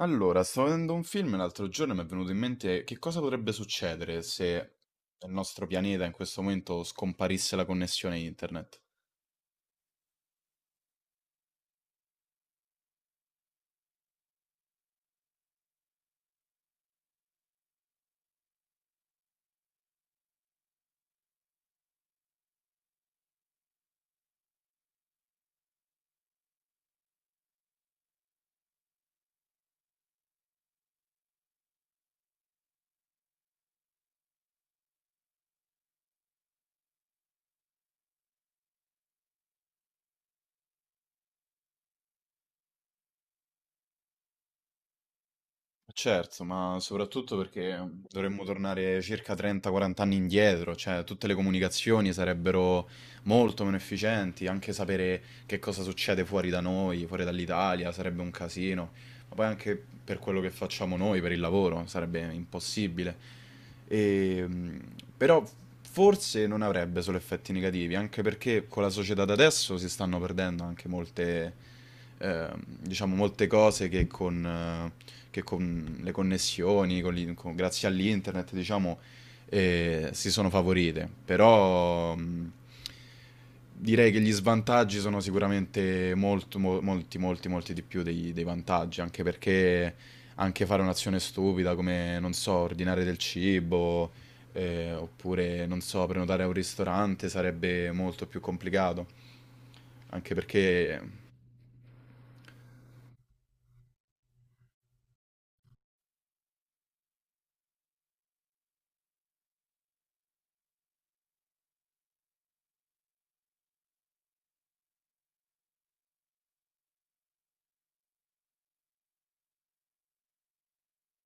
Allora, stavo vedendo un film l'altro giorno e mi è venuto in mente che cosa potrebbe succedere se nel nostro pianeta in questo momento scomparisse la connessione internet. Certo, ma soprattutto perché dovremmo tornare circa 30-40 anni indietro, cioè tutte le comunicazioni sarebbero molto meno efficienti, anche sapere che cosa succede fuori da noi, fuori dall'Italia, sarebbe un casino. Ma poi anche per quello che facciamo noi, per il lavoro, sarebbe impossibile. E, però forse non avrebbe solo effetti negativi, anche perché con la società da adesso si stanno perdendo anche molte, diciamo, molte cose che che con le connessioni, grazie all'internet, diciamo, si sono favorite. Però, direi che gli svantaggi sono sicuramente molto, molti, molti, molti di più dei vantaggi, anche perché anche fare un'azione stupida come, non so, ordinare del cibo, oppure, non so, prenotare a un ristorante sarebbe molto più complicato, anche perché,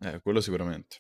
quello sicuramente.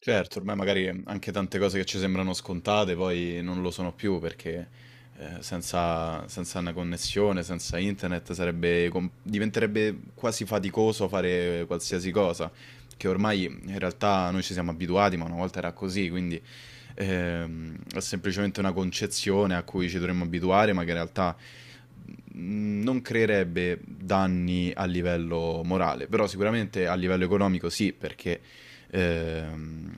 Certo, ormai magari anche tante cose che ci sembrano scontate poi non lo sono più perché senza una connessione, senza internet sarebbe diventerebbe quasi faticoso fare qualsiasi cosa, che ormai in realtà noi ci siamo abituati, ma una volta era così, quindi è semplicemente una concezione a cui ci dovremmo abituare, ma che in realtà non creerebbe danni a livello morale, però sicuramente a livello economico sì, perché ehm,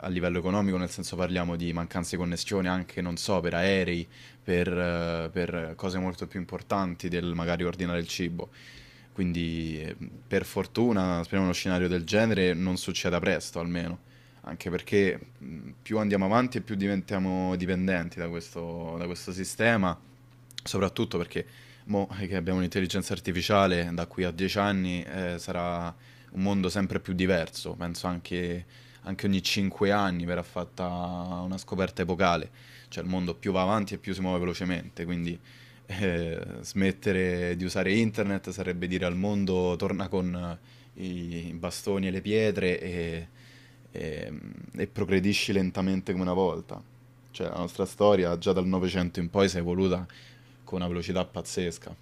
a livello economico, nel senso parliamo di mancanze di connessione anche, non so, per aerei, per cose molto più importanti del magari ordinare il cibo. Quindi per fortuna, speriamo uno scenario del genere non succeda presto almeno, anche perché più andiamo avanti e più diventiamo dipendenti da questo, sistema, soprattutto perché mo che abbiamo l'intelligenza artificiale da qui a 10 anni sarà un mondo sempre più diverso, penso anche ogni 5 anni verrà fatta una scoperta epocale, cioè il mondo più va avanti e più si muove velocemente, quindi smettere di usare internet sarebbe dire al mondo torna con i bastoni e le pietre e, e progredisci lentamente come una volta. Cioè la nostra storia già dal Novecento in poi si è evoluta con una velocità pazzesca.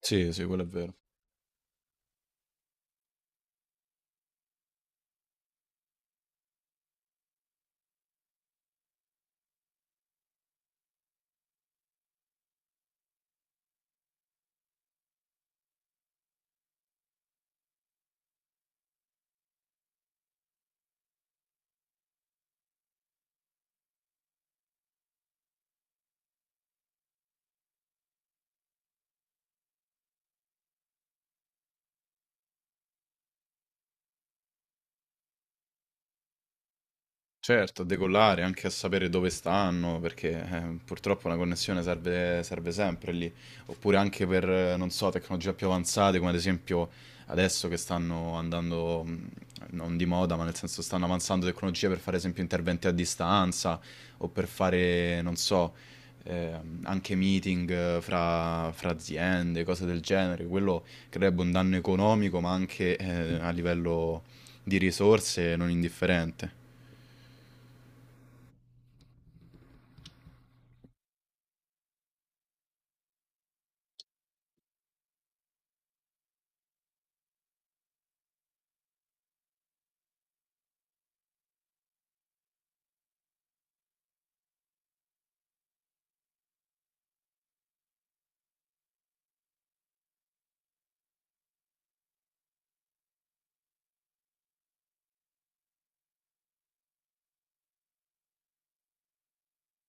Sì, sì, quello è vero. Certo, a decollare, anche a sapere dove stanno, perché purtroppo una connessione serve, serve sempre lì. Oppure anche per, non so, tecnologie più avanzate, come ad esempio adesso che stanno andando, non di moda, ma nel senso stanno avanzando tecnologie per fare, ad esempio, interventi a distanza o per fare, non so, anche meeting fra aziende, cose del genere. Quello creerebbe un danno economico, ma anche a livello di risorse non indifferente.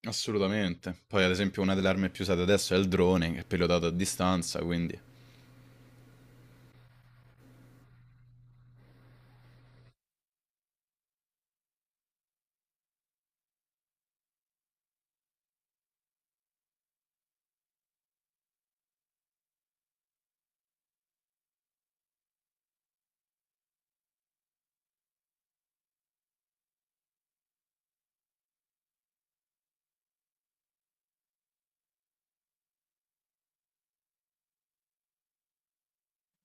Assolutamente. Poi, ad esempio, una delle armi più usate adesso è il drone, che è pilotato a distanza, quindi.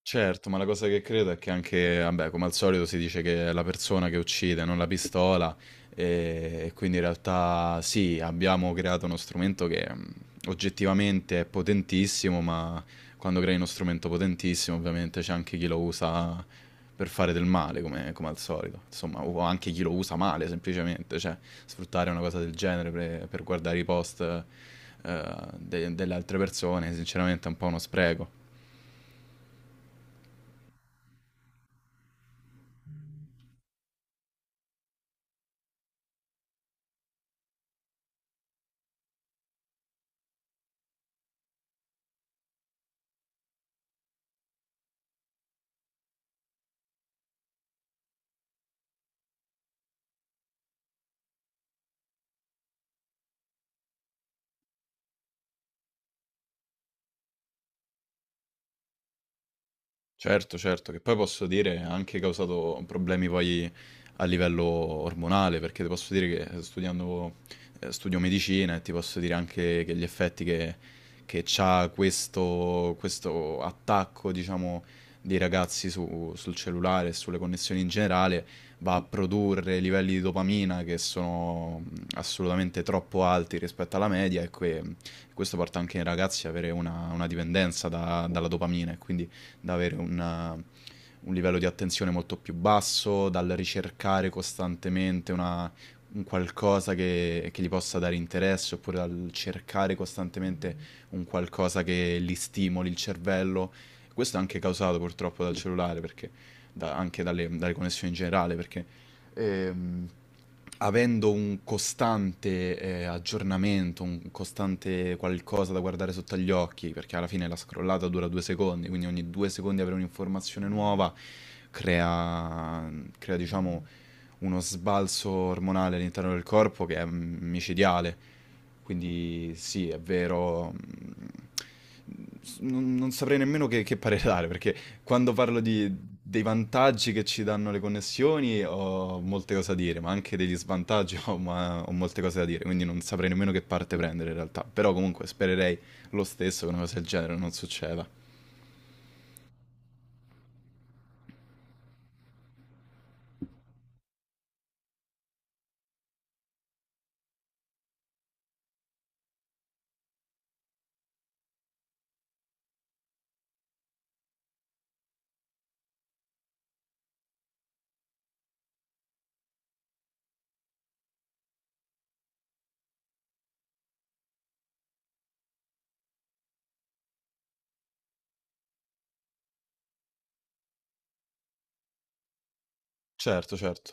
Certo, ma la cosa che credo è che anche, vabbè, come al solito si dice che è la persona che uccide, non la pistola, e, quindi in realtà sì, abbiamo creato uno strumento che oggettivamente è potentissimo, ma quando crei uno strumento potentissimo ovviamente c'è anche chi lo usa per fare del male, come al solito, insomma, o anche chi lo usa male semplicemente, cioè sfruttare una cosa del genere per guardare i post delle altre persone, sinceramente è un po' uno spreco. Certo, certo, che poi posso dire ha anche causato problemi poi a livello ormonale, perché ti posso dire che studio medicina e ti posso dire anche che gli effetti che c'ha questo, attacco, diciamo, dei ragazzi sul cellulare e sulle connessioni in generale va a produrre livelli di dopamina che sono assolutamente troppo alti rispetto alla media e questo porta anche i ragazzi ad avere una dipendenza dalla dopamina e quindi da avere un livello di attenzione molto più basso, dal ricercare costantemente un qualcosa che gli possa dare interesse, oppure dal cercare costantemente un qualcosa che gli stimoli il cervello. Questo è anche causato purtroppo dal cellulare, perché anche dalle connessioni in generale, perché ehm, avendo un costante aggiornamento, un costante qualcosa da guardare sotto agli occhi, perché alla fine la scrollata dura 2 secondi, quindi ogni 2 secondi avere un'informazione nuova crea, crea, diciamo, uno sbalzo ormonale all'interno del corpo che è micidiale. Quindi sì, è vero. Non saprei nemmeno che parere dare, perché quando parlo dei vantaggi che ci danno le connessioni ho molte cose da dire, ma anche degli svantaggi ho molte cose da dire, quindi non saprei nemmeno che parte prendere in realtà. Però comunque spererei lo stesso che una cosa del genere non succeda. Certo, certo.